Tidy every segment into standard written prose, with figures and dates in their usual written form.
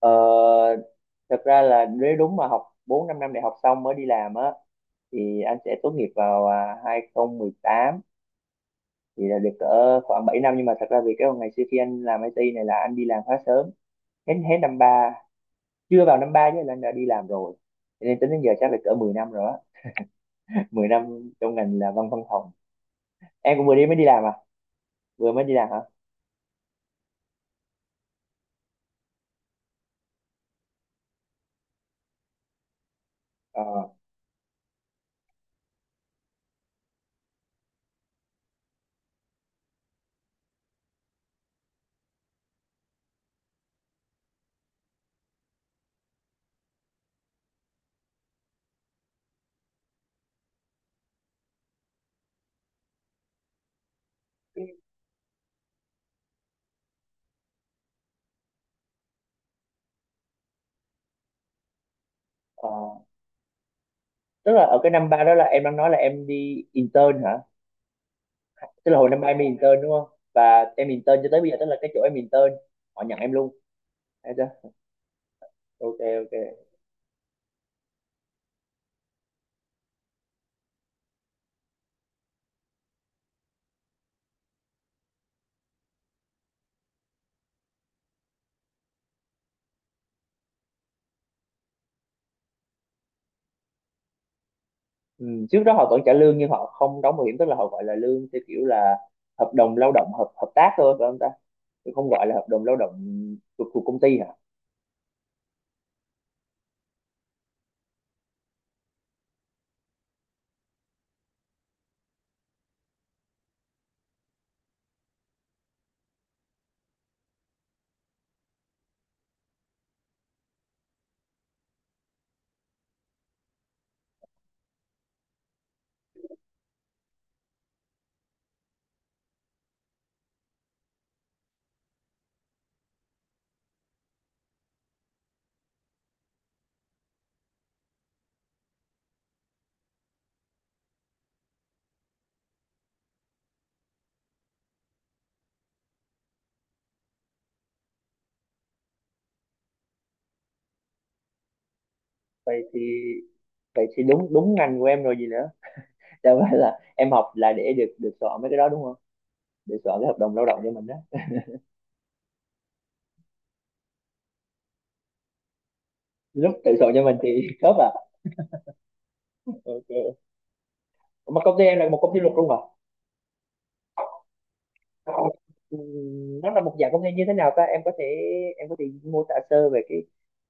Ờ, thật ra là nếu đúng mà học 4 5 năm đại học xong mới đi làm á thì anh sẽ tốt nghiệp vào 2018, thì là được cỡ khoảng 7 năm. Nhưng mà thật ra vì cái ngày xưa khi anh làm IT này là anh đi làm khá sớm, hết hết năm ba, chưa vào năm ba chứ là anh đã đi làm rồi, cho nên tính đến giờ chắc là cỡ 10 năm rồi á. 10 năm trong ngành là văn văn phòng. Em cũng vừa đi mới đi làm à? Vừa mới đi làm hả? Ờ. Ờ, tức là ở cái năm ba đó là em đang nói là em đi intern hả? Tức là hồi năm ba em đi intern đúng không, và em intern cho tới bây giờ, tức là cái chỗ em intern họ nhận em luôn. Thấy chưa? Ok, ok. Ừ, trước đó họ vẫn trả lương nhưng họ không đóng bảo hiểm, tức là họ gọi là lương theo kiểu là hợp đồng lao động, hợp hợp tác thôi phải không ta? Chứ không gọi là hợp đồng lao động thuộc thuộc công ty hả? Vậy thì vậy thì đúng đúng ngành của em rồi gì nữa, đâu phải là em học là để được được soạn mấy cái đó đúng không, để soạn cái hợp đồng lao động cho mình đó. Lúc tự soạn cho mình thì khớp à? Ok, mà công ty em là một công ty luật luôn hả? Ờ. Ừ, nó là một dạng công ty như thế nào ta, em có thể, em có thể mô tả sơ về cái,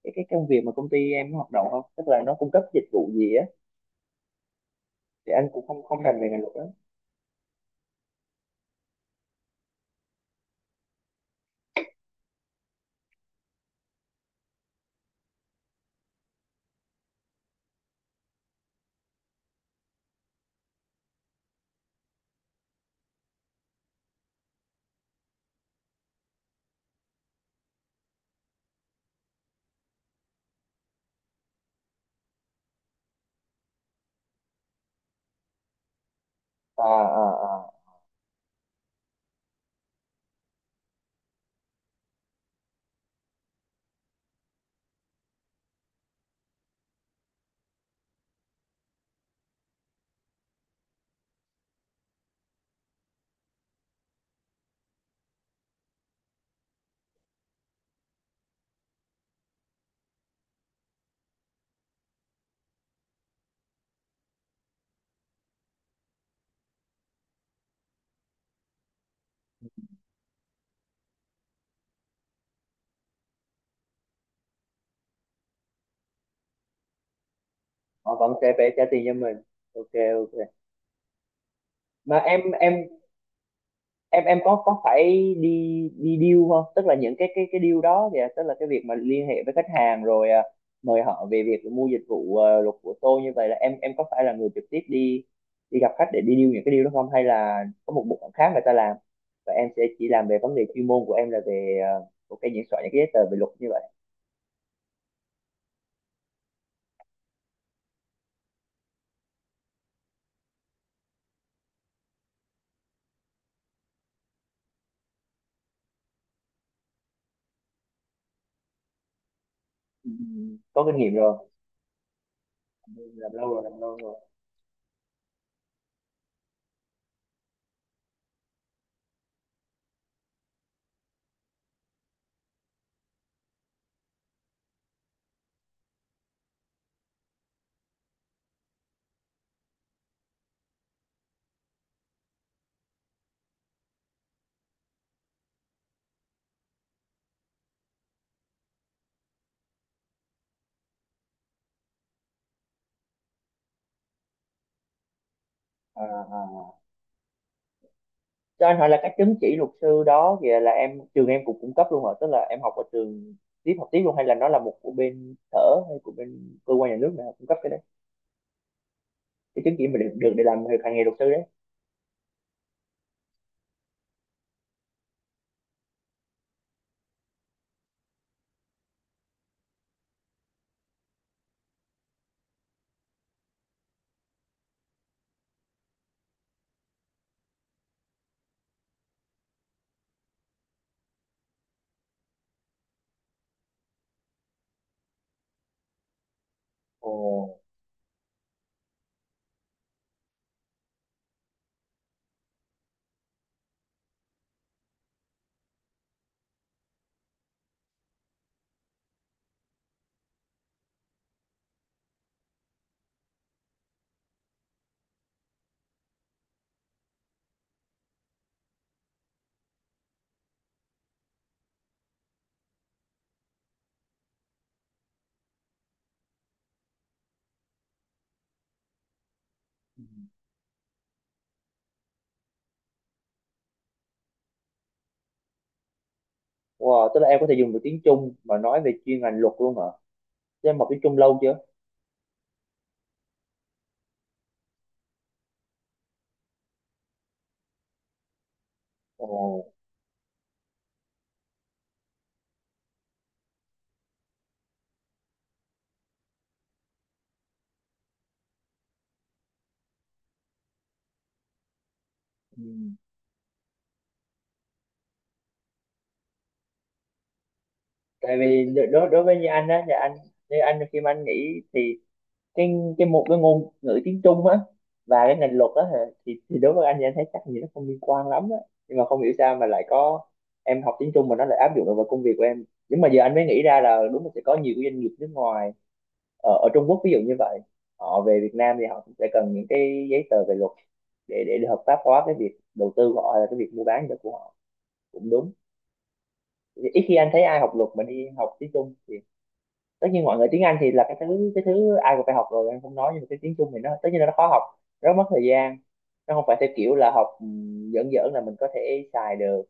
cái công việc mà công ty em hoạt động không, tức là nó cung cấp dịch vụ gì á? Thì anh cũng không không rành về ngành luật đó. À, à, à. Họ vẫn sẽ phải trả tiền cho mình. Ok, ok. Mà em, em có phải đi đi deal không, tức là những cái, cái deal đó kìa, tức là cái việc mà liên hệ với khách hàng rồi à, mời họ về việc mua dịch vụ à, luật của tôi, như vậy là em có phải là người trực tiếp đi đi gặp khách để đi deal những cái deal đó không, hay là có một bộ phận khác người ta làm và em sẽ chỉ làm về vấn đề chuyên môn của em là về à, ok, những soạn những cái giấy tờ về luật như vậy. Ừ, có kinh nghiệm rồi. Làm lâu rồi, làm lâu rồi. À, à. Cho anh hỏi là cái chứng chỉ luật sư đó kìa, là em, trường em cũng cung cấp luôn hả, tức là em học ở trường tiếp, học tiếp luôn, hay là nó là một của bên sở hay của bên cơ quan nhà nước nào cung cấp cái đấy, cái chứng chỉ mà được được để làm việc hành nghề luật sư đấy? Ồ. Ừ. Wow, tức là em có thể dùng được tiếng Trung mà nói về chuyên ngành luật luôn hả? Thế em học tiếng Trung lâu chưa? Ồ. Ừ. Tại vì đ- đối đối với, như anh á thì anh, như anh khi mà anh nghĩ thì cái cái một cái ngôn ngữ tiếng Trung á và cái ngành luật á hả, thì đối với anh thì anh thấy chắc gì nó không liên quan lắm á, nhưng mà không hiểu sao mà lại có em học tiếng Trung mà nó lại áp dụng được vào công việc của em. Nhưng mà giờ anh mới nghĩ ra là đúng là sẽ có nhiều cái doanh nghiệp nước ngoài ở, ở Trung Quốc ví dụ như vậy, họ về Việt Nam thì họ cũng sẽ cần những cái giấy tờ về luật để hợp pháp hóa cái việc đầu tư của họ, là cái việc mua bán của họ, cũng đúng. Ít khi anh thấy ai học luật mà đi học tiếng Trung. Tất nhiên mọi người tiếng Anh thì là cái thứ, cái thứ ai cũng phải học rồi, anh không nói, nhưng mà cái tiếng Trung thì nó tất nhiên là nó khó học, rất mất thời gian, nó không phải theo kiểu là học giỡn giỡn là mình có thể xài được,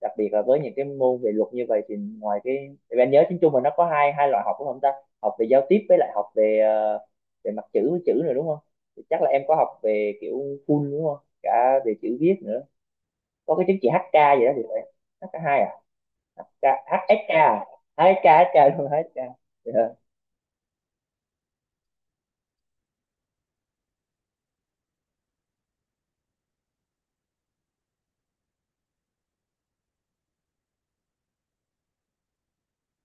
đặc biệt là với những cái môn về luật như vậy thì ngoài cái, tại vì anh nhớ tiếng Trung mà nó có hai hai loại học đúng không ta, học về giao tiếp với lại học về về mặt chữ, với chữ nữa đúng không. Thì chắc là em có học về kiểu full đúng không, cả về chữ viết nữa, có cái chứng chỉ HK gì đó thì phải, hk hai à? HK, HSK à? HSK, HSK, đúng, HSK. Dạ.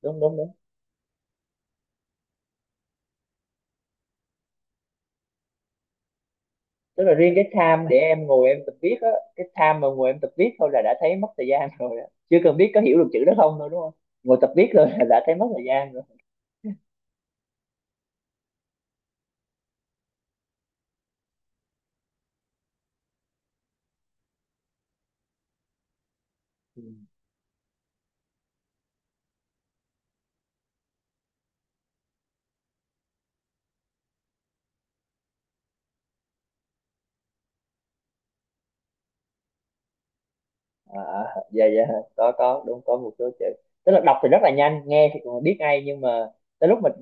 Đúng, đúng, đúng. Tức là riêng cái time để em ngồi em tập viết á, cái time mà ngồi em tập viết thôi là đã thấy mất thời gian rồi á, chưa cần biết có hiểu được chữ đó không thôi đúng không, ngồi tập viết thôi là đã thấy mất thời gian rồi. Ừ. à, dạ, dạ, có đúng, có một số chữ tức là đọc thì rất là nhanh, nghe thì còn biết ngay nhưng mà tới lúc mình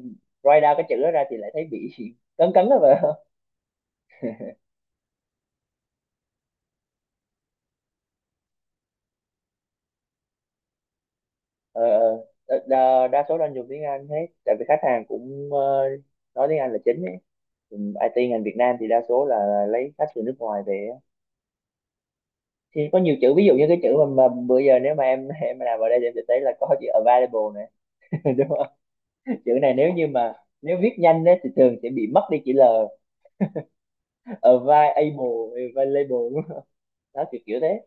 write down cái chữ đó ra thì lại thấy bị cấn cấn đó vậy. Ờ, ờ. Đa, đa số đang dùng tiếng Anh hết tại vì khách hàng cũng ờ, nói tiếng Anh là chính ấy. Ừ, IT ngành Việt Nam thì đa số là lấy khách từ nước ngoài về ấy. Thì có nhiều chữ ví dụ như cái chữ mà bữa giờ nếu mà em làm ở đây thì em sẽ thấy là có chữ available này, đúng không? Chữ này nếu như mà, nếu viết nhanh đấy thì thường sẽ bị mất đi chữ L, available, available đúng không? Đó kiểu kiểu thế.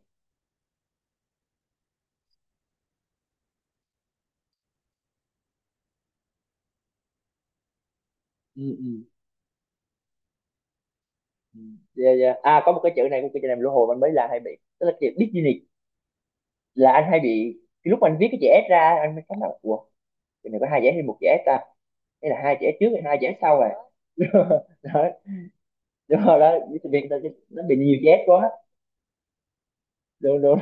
Ừ, ừ. Ừ. Yeah, yeah. À, có một cái chữ này, cái chữ này lũ hồi anh mới làm hay bị, tức là chữ Disney là anh hay bị, lúc mà anh viết cái chữ S ra anh mới cảm là ủa chữ này có hai chữ S hay một chữ S ta, hay là hai chữ S trước hay hai chữ S sau à? Đó. Đúng rồi đó, Disney nó bị nhiều chữ S quá. Đúng, đúng.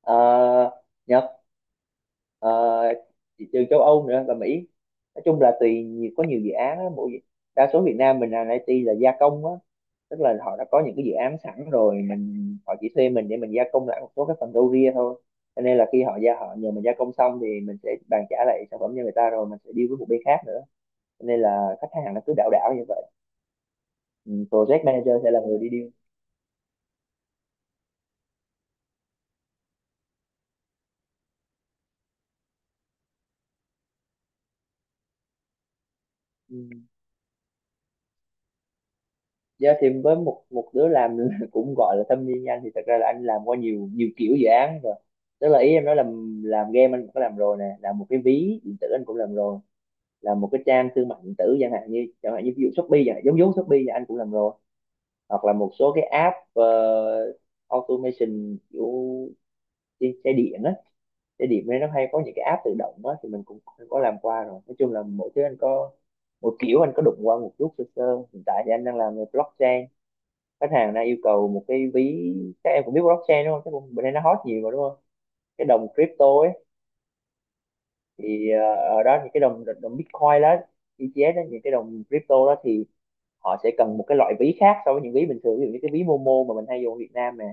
Ờ, Nhật. Ờ, thị trường châu Âu nữa và Mỹ, nói chung là tùy nhiều, có nhiều dự án á, mỗi, đa số Việt Nam mình làm IT là gia công á, tức là họ đã có những cái dự án sẵn rồi mình, họ chỉ thuê mình để mình gia công lại một số cái phần râu ria thôi, cho nên là khi họ họ nhờ mình gia công xong thì mình sẽ bàn trả lại sản phẩm cho người ta rồi mình sẽ deal với một bên khác nữa, cho nên là khách hàng nó cứ đảo đảo như vậy. Ừ, project manager sẽ là người đi deal. Ừ. Dạ thì với một một đứa làm cũng gọi là thâm niên như anh thì thật ra là anh làm qua nhiều nhiều kiểu dự án rồi, tức là ý em nói là làm game anh cũng có làm rồi nè, làm một cái ví điện tử anh cũng làm rồi, làm một cái trang thương mại điện tử chẳng hạn, như ví dụ Shopee chẳng hạn, giống giống Shopee là anh cũng làm rồi, hoặc là một số cái app automation kiểu đi xe điện á, xe điện nên nó hay có những cái app tự động á thì mình cũng cũng có làm qua rồi, nói chung là mỗi thứ anh có một kiểu, anh có đụng qua một chút sơ sơ. Hiện tại thì anh đang làm về blockchain, khách hàng đang yêu cầu một cái ví, các em cũng biết blockchain đúng không, cái bữa nay nó hot nhiều mà đúng không, cái đồng crypto ấy, thì ờ, ở đó những cái đồng, đồng Bitcoin đó, ETH đó, những cái đồng crypto đó thì họ sẽ cần một cái loại ví khác so với những ví bình thường, ví dụ như cái ví Momo mà mình hay dùng ở Việt Nam nè,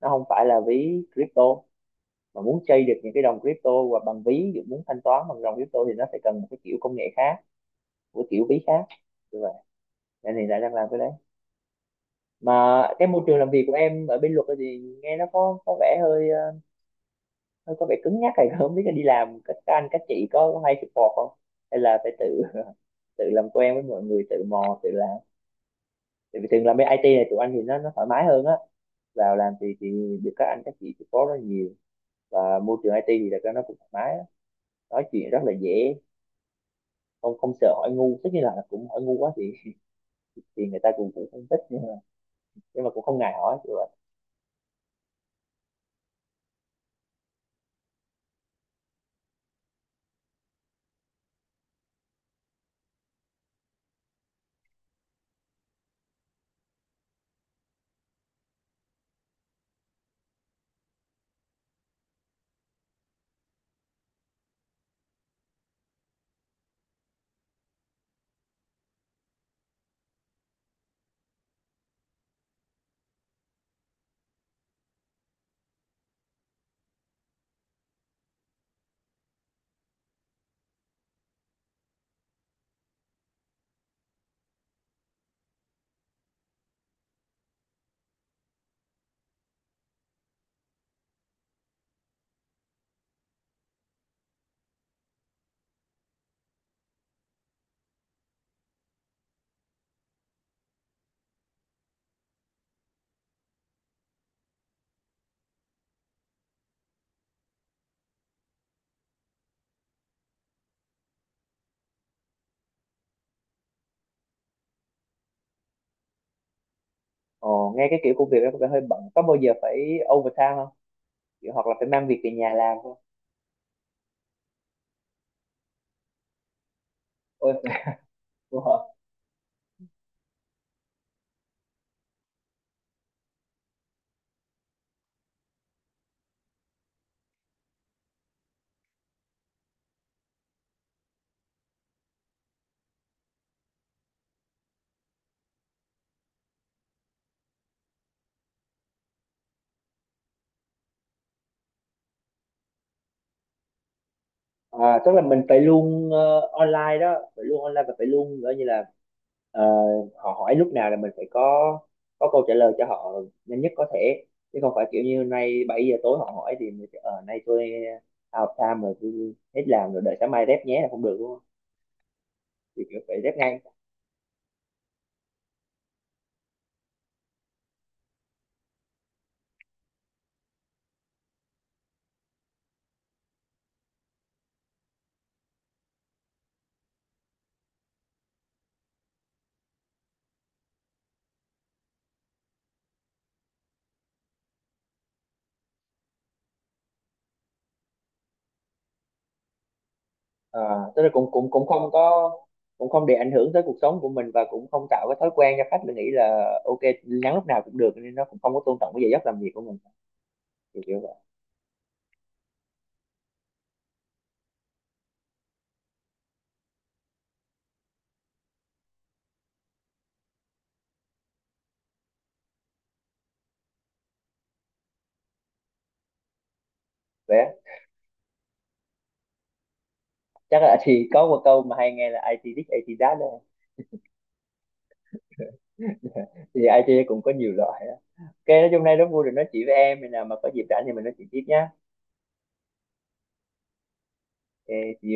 nó không phải là ví crypto, mà muốn chơi được những cái đồng crypto hoặc bằng ví, ví dụ muốn thanh toán bằng đồng crypto thì nó sẽ cần một cái kiểu công nghệ khác, một cái kiểu ví khác như vậy, nên thì lại đang làm cái đấy. Mà cái môi trường làm việc của em ở bên luật thì nghe nó có vẻ hơi ờ, nó có vẻ cứng nhắc này, không biết là đi làm các anh các chị có hay support không, hay là phải tự tự làm quen với mọi người, tự mò tự làm. Tại vì thường làm bên IT này tụi anh thì nó thoải mái hơn á, vào làm thì được các anh các chị support rất nhiều, và môi trường IT thì là nó cũng thoải mái á. Nói chuyện rất là dễ, không không sợ hỏi ngu, tất nhiên là cũng hỏi ngu quá thì thì người ta cũng cũng không thích nhưng mà cũng không ngại hỏi kiểu vậy. Ồ, nghe cái kiểu công việc đó có vẻ hơi bận, có bao giờ phải overtime không, kiểu hoặc là phải mang việc về nhà làm không? Ôi, wow. À, tức là mình phải luôn ờ, online đó, phải luôn online và phải luôn gọi như là ờ, họ hỏi lúc nào là mình phải có câu trả lời cho họ nhanh nhất có thể, chứ không phải kiểu như nay 7 giờ tối họ hỏi thì mình sẽ, ờ nay tôi out of time rồi, tôi hết làm rồi, đợi sáng mai rep nhé là không được đúng không, thì kiểu phải rep ngay. À, tức là cũng, cũng không có, cũng không để ảnh hưởng tới cuộc sống của mình và cũng không tạo cái thói quen cho khách là nghĩ là ok nhắn lúc nào cũng được nên nó cũng không có tôn trọng cái giờ giấc làm việc của mình, kiểu kiểu vậy. Chắc là thì có một câu mà hay nghe là IT this, IT that đó, thì IT cũng có nhiều loại đó. Ok, nói chung nay rất vui được nói chuyện với em, khi nào mà có dịp rảnh thì mình nói chuyện tiếp nhá. Ok, see you.